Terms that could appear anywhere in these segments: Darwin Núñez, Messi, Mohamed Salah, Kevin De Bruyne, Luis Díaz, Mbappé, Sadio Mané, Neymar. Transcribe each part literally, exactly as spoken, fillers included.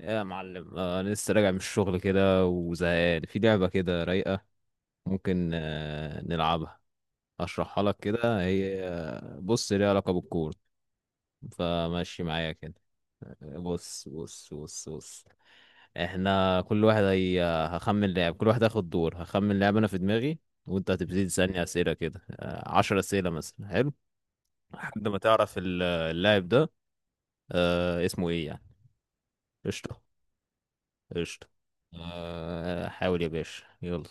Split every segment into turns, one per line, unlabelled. يا معلم، آه، انا لسه راجع من الشغل كده وزهقان في لعبة كده رايقة. ممكن آه، نلعبها. اشرحها لك كده، هي آه، بص ليها علاقة بالكورة. فماشي معايا كده. بص بص بص بص. احنا كل واحد هي. هخمن لعب، كل واحد هياخد دور، هخمن لعب انا في دماغي. وانت هتبتدي تسألني اسئلة كده، آه، عشر اسئلة مثلا. حلو. لحد ما تعرف ال- اللاعب ده. آه، اسمه ايه يعني؟ قشطة. قشطة. آه، حاول يا باشا، يلا.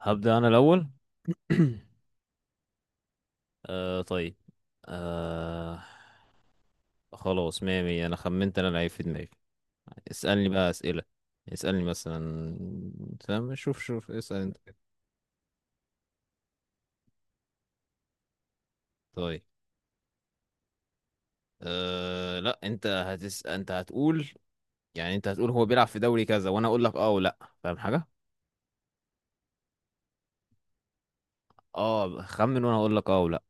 هبدأ أنا الأول. آه طيب. آه. خلاص، مية مية، أنا خمنت. أنا لعيب في دماغي. اسألني بقى أسئلة. اسألني مثلا. تمام، شوف شوف، اسأل أنت كده. طيب، آه لا، أنت هتس أنت هتقول. يعني أنت هتقول هو بيلعب في دوري كذا، وأنا أقول لك أه ولا، فاهم حاجة؟ أه، خمن، وأنا أقول لك أه ولا.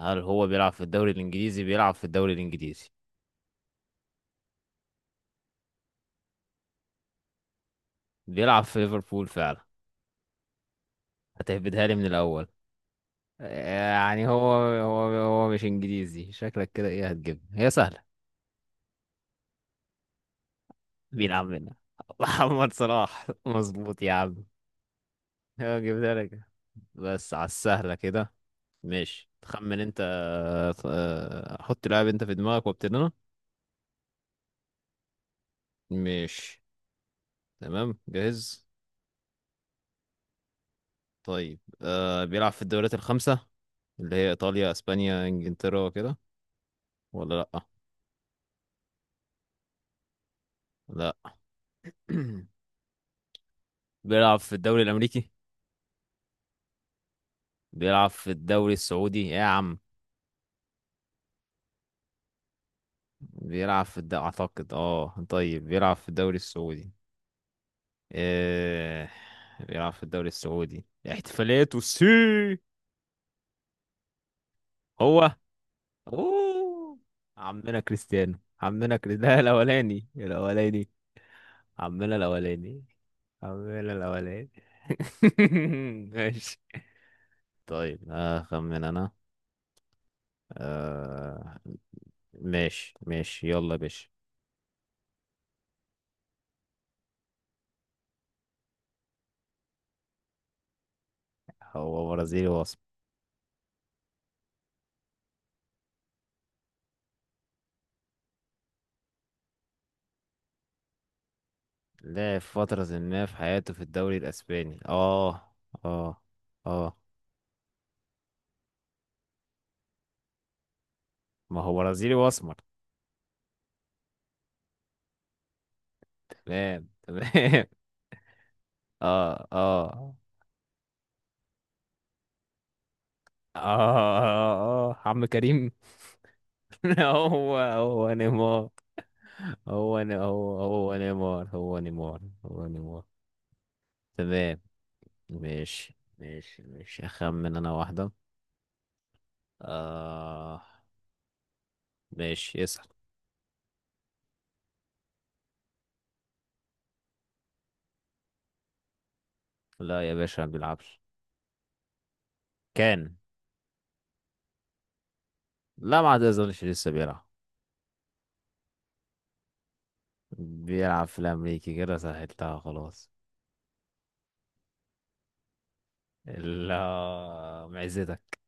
هل هو بيلعب في الدوري الإنجليزي؟ بيلعب في الدوري الإنجليزي. بيلعب في ليفربول فعلا. هتهبدها لي من الأول. يعني هو. هو. هو مش انجليزي، شكلك كده ايه، هتجيبها هي سهله. بيلعب منها. محمد صلاح. مظبوط يا عم. هو، جبتها لك. بس على السهله كده. ماشي، تخمن انت. آه، حط لاعب انت في دماغك وابتدي انا. ماشي. تمام، جاهز. طيب، آه بيلعب في الدوريات الخمسه، اللي هي ايطاليا، اسبانيا، انجلترا، كده، ولا لا؟ لا. بيلعب في الدوري الامريكي؟ بيلعب في الدوري السعودي يا عم. بيلعب في الد... اعتقد، اه طيب بيلعب في الدوري السعودي. إيه، بيلعب في الدوري السعودي. احتفالاته سي. هو. اوه، عمنا كريستيانو، عمنا كريستيانو ده، الاولاني الاولاني. عمنا الاولاني. عمنا الاولاني. ماشي. طيب، اخمن انا. آه... ماشي ماشي، يلا يا باشا. هو برازيلي واصل. لعب فترة ما في حياته في الدوري الأسباني، اه. اه. اه. ما هو برازيلي وأسمر. تمام تمام. اه اه اه. اه اه، عم كريم. هو هو نيمار. هو ن- هو هو نيمار، هو نيمار. هو نيمار. تمام. ماشي ماشي ماشي، أخمن أنا واحدة. آه ماشي، اسأل. لا يا باشا، ما بيلعبش. كان. لا، ما اظنش، لسه بيلعب. بيلعب في الأمريكي، كده سهلتها، خلاص. لا. معزتك.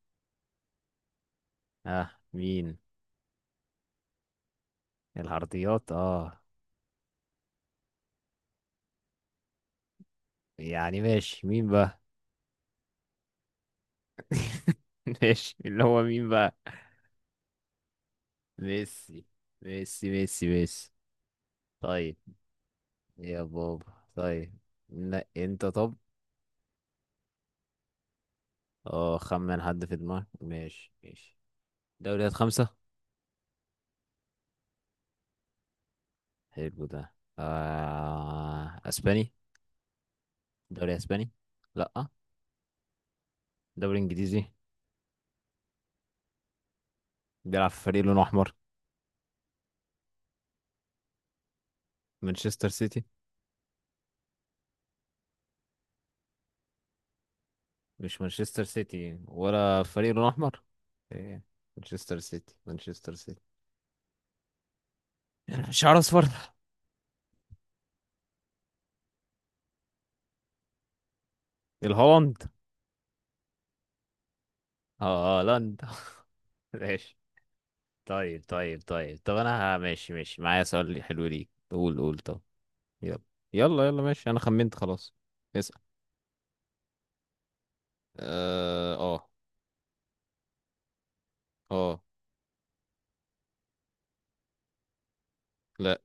اه، مين؟ العرضيات، اه. يعني ماشي، مين بقى؟ ماشي، اللي هو مين بقى؟ ميسي. ميسي ميسي ميسي. طيب. يا بابا، طيب. لا انت، طب. اه، خمن حد في دماغك، ماشي ماشي. دوريات خمسة؟ حلو ده. آه. اسباني؟ دوري اسباني؟ لا. دوري انجليزي؟ بيلعب في فريق لونه احمر؟ مانشستر سيتي؟ مش مانشستر سيتي ولا فريق لون احمر؟ إيه، مانشستر سيتي، مانشستر سيتي. شعر اصفر. الهولند. اه، هولندا. ماشي. طيب طيب طيب طب، انا ه- ماشي ماشي، معايا سؤال حلو ليك، قول قول، طب. يلا. يلا يلا، ماشي، انا خمنت، خلاص. اسأل. اه اه. آه، لا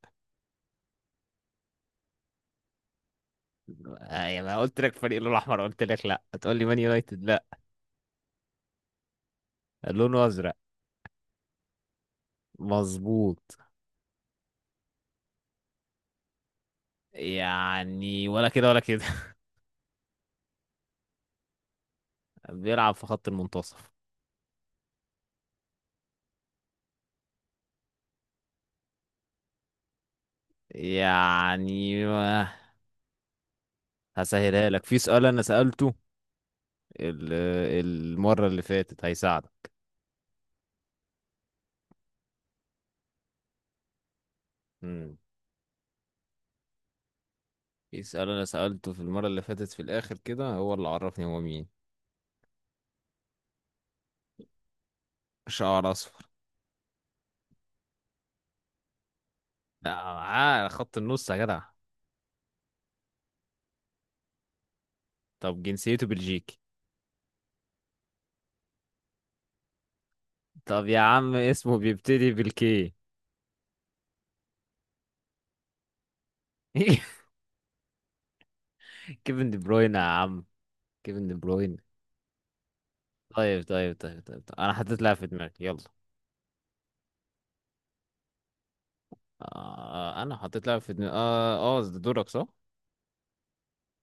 آه، يا ما قلت لك فريق لون احمر، قلت لك لا، هتقول لي مان يونايتد لا. لونه ازرق. مظبوط. يعني، ولا كده ولا كده. بيلعب في خط المنتصف. يعني. هسهلها لك، في سؤال انا سألته ال- المرة اللي فاتت هيساعدك. امم في سؤال انا سألته في المرة اللي فاتت في الاخر، كده هو اللي عرفني هو مين. شعر اصفر. لا، معاه خط النص يا جدع. طب، جنسيته بلجيكي. طب يا عم، اسمه بيبتدي بالكي. كيفن دي بروين يا عم. كيفن دي بروين. طيب طيب طيب طيب، طيب، انا حطيت لها في دماغي، يلا. آه. آه، انا حطيت لها في دماغي، اه اه، ده دورك صح؟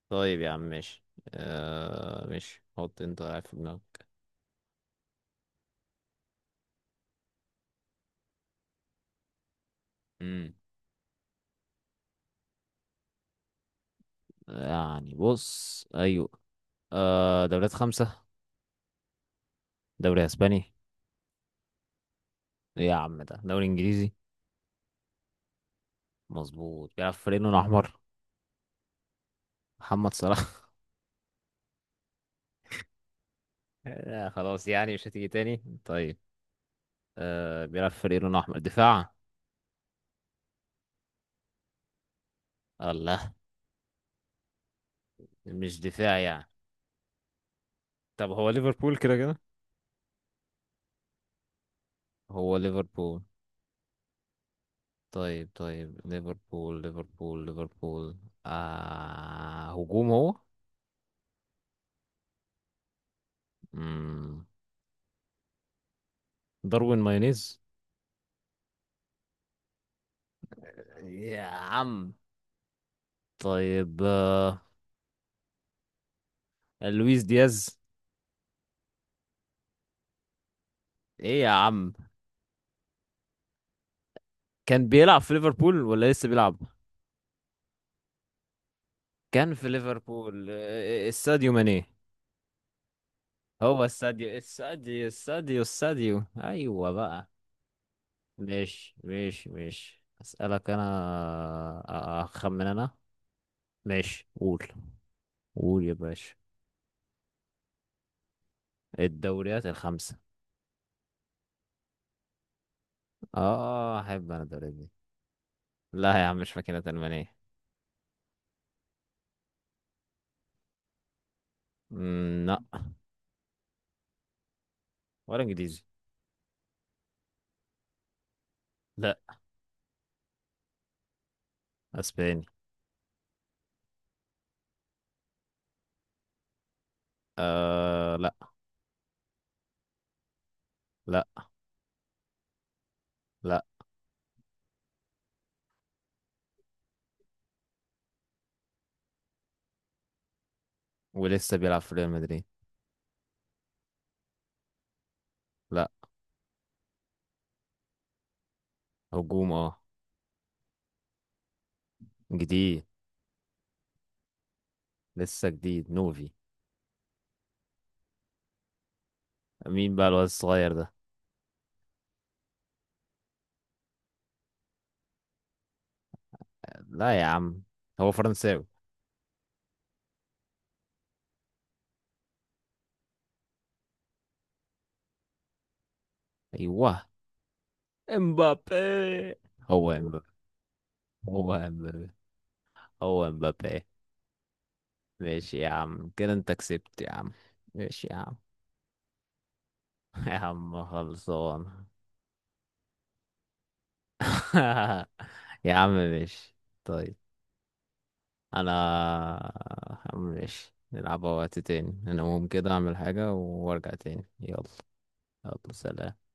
طيب يا عم، ماشي. آه ماشي، حط انت لاعب في دماغك. امم يعني، بص، ايوه. آه دوريات خمسة؟ دوري اسباني؟ ايه يا عم، ده دوري انجليزي؟ مظبوط. بيلعب في فريق لونه احمر؟ محمد صلاح؟ لا خلاص، يعني مش هتيجي تاني، طيب. آه بيلعب في فريق لونه احمر، دفاع؟ الله. مش دفاع يعني؟ طب، هو ليفربول كده كده؟ هو ليفربول. طيب طيب، ليفربول ليفربول ليفربول. آه هجوم، هو؟ مم. داروين مايونيز؟ يا عم. طيب، آه، لويس دياز؟ ايه يا عم. كان بيلعب في ليفربول ولا لسه بيلعب؟ كان في ليفربول، آه، الساديو ماني. هو الساديو، الساديو الساديو الساديو، ايوه بقى. ماشي ماشي ماشي، اسالك انا. آه، آه، اخمن انا. ماشي، قول. قول يا باشا. الدوريات الخمسة؟ اه، احب انا الدوريات دي. لا يا عم، مش فاكرة ألمانية. أمم، لا. ولا انجليزي. لا. اسباني. آه لا لا لا. ولسه بيلعب في ريال مدريد. لا. هجوم، اه. جديد. لسه جديد، نوفي. مين بقى الواد الصغير ده؟ لا يا عم. هو فرنساوي. ايوه. امبابي. هو امبابي. هو امبابي. هو امبابي. ماشي يا عم، كده انت كسبت يا عم. ماشي يا عم. يا عم خلصان. يا عم، ماشي. طيب. انا. ماشي، نلعب وقت تاني، انا ممكن كده اعمل حاجة وارجع تاني، يلا. يلا سلام.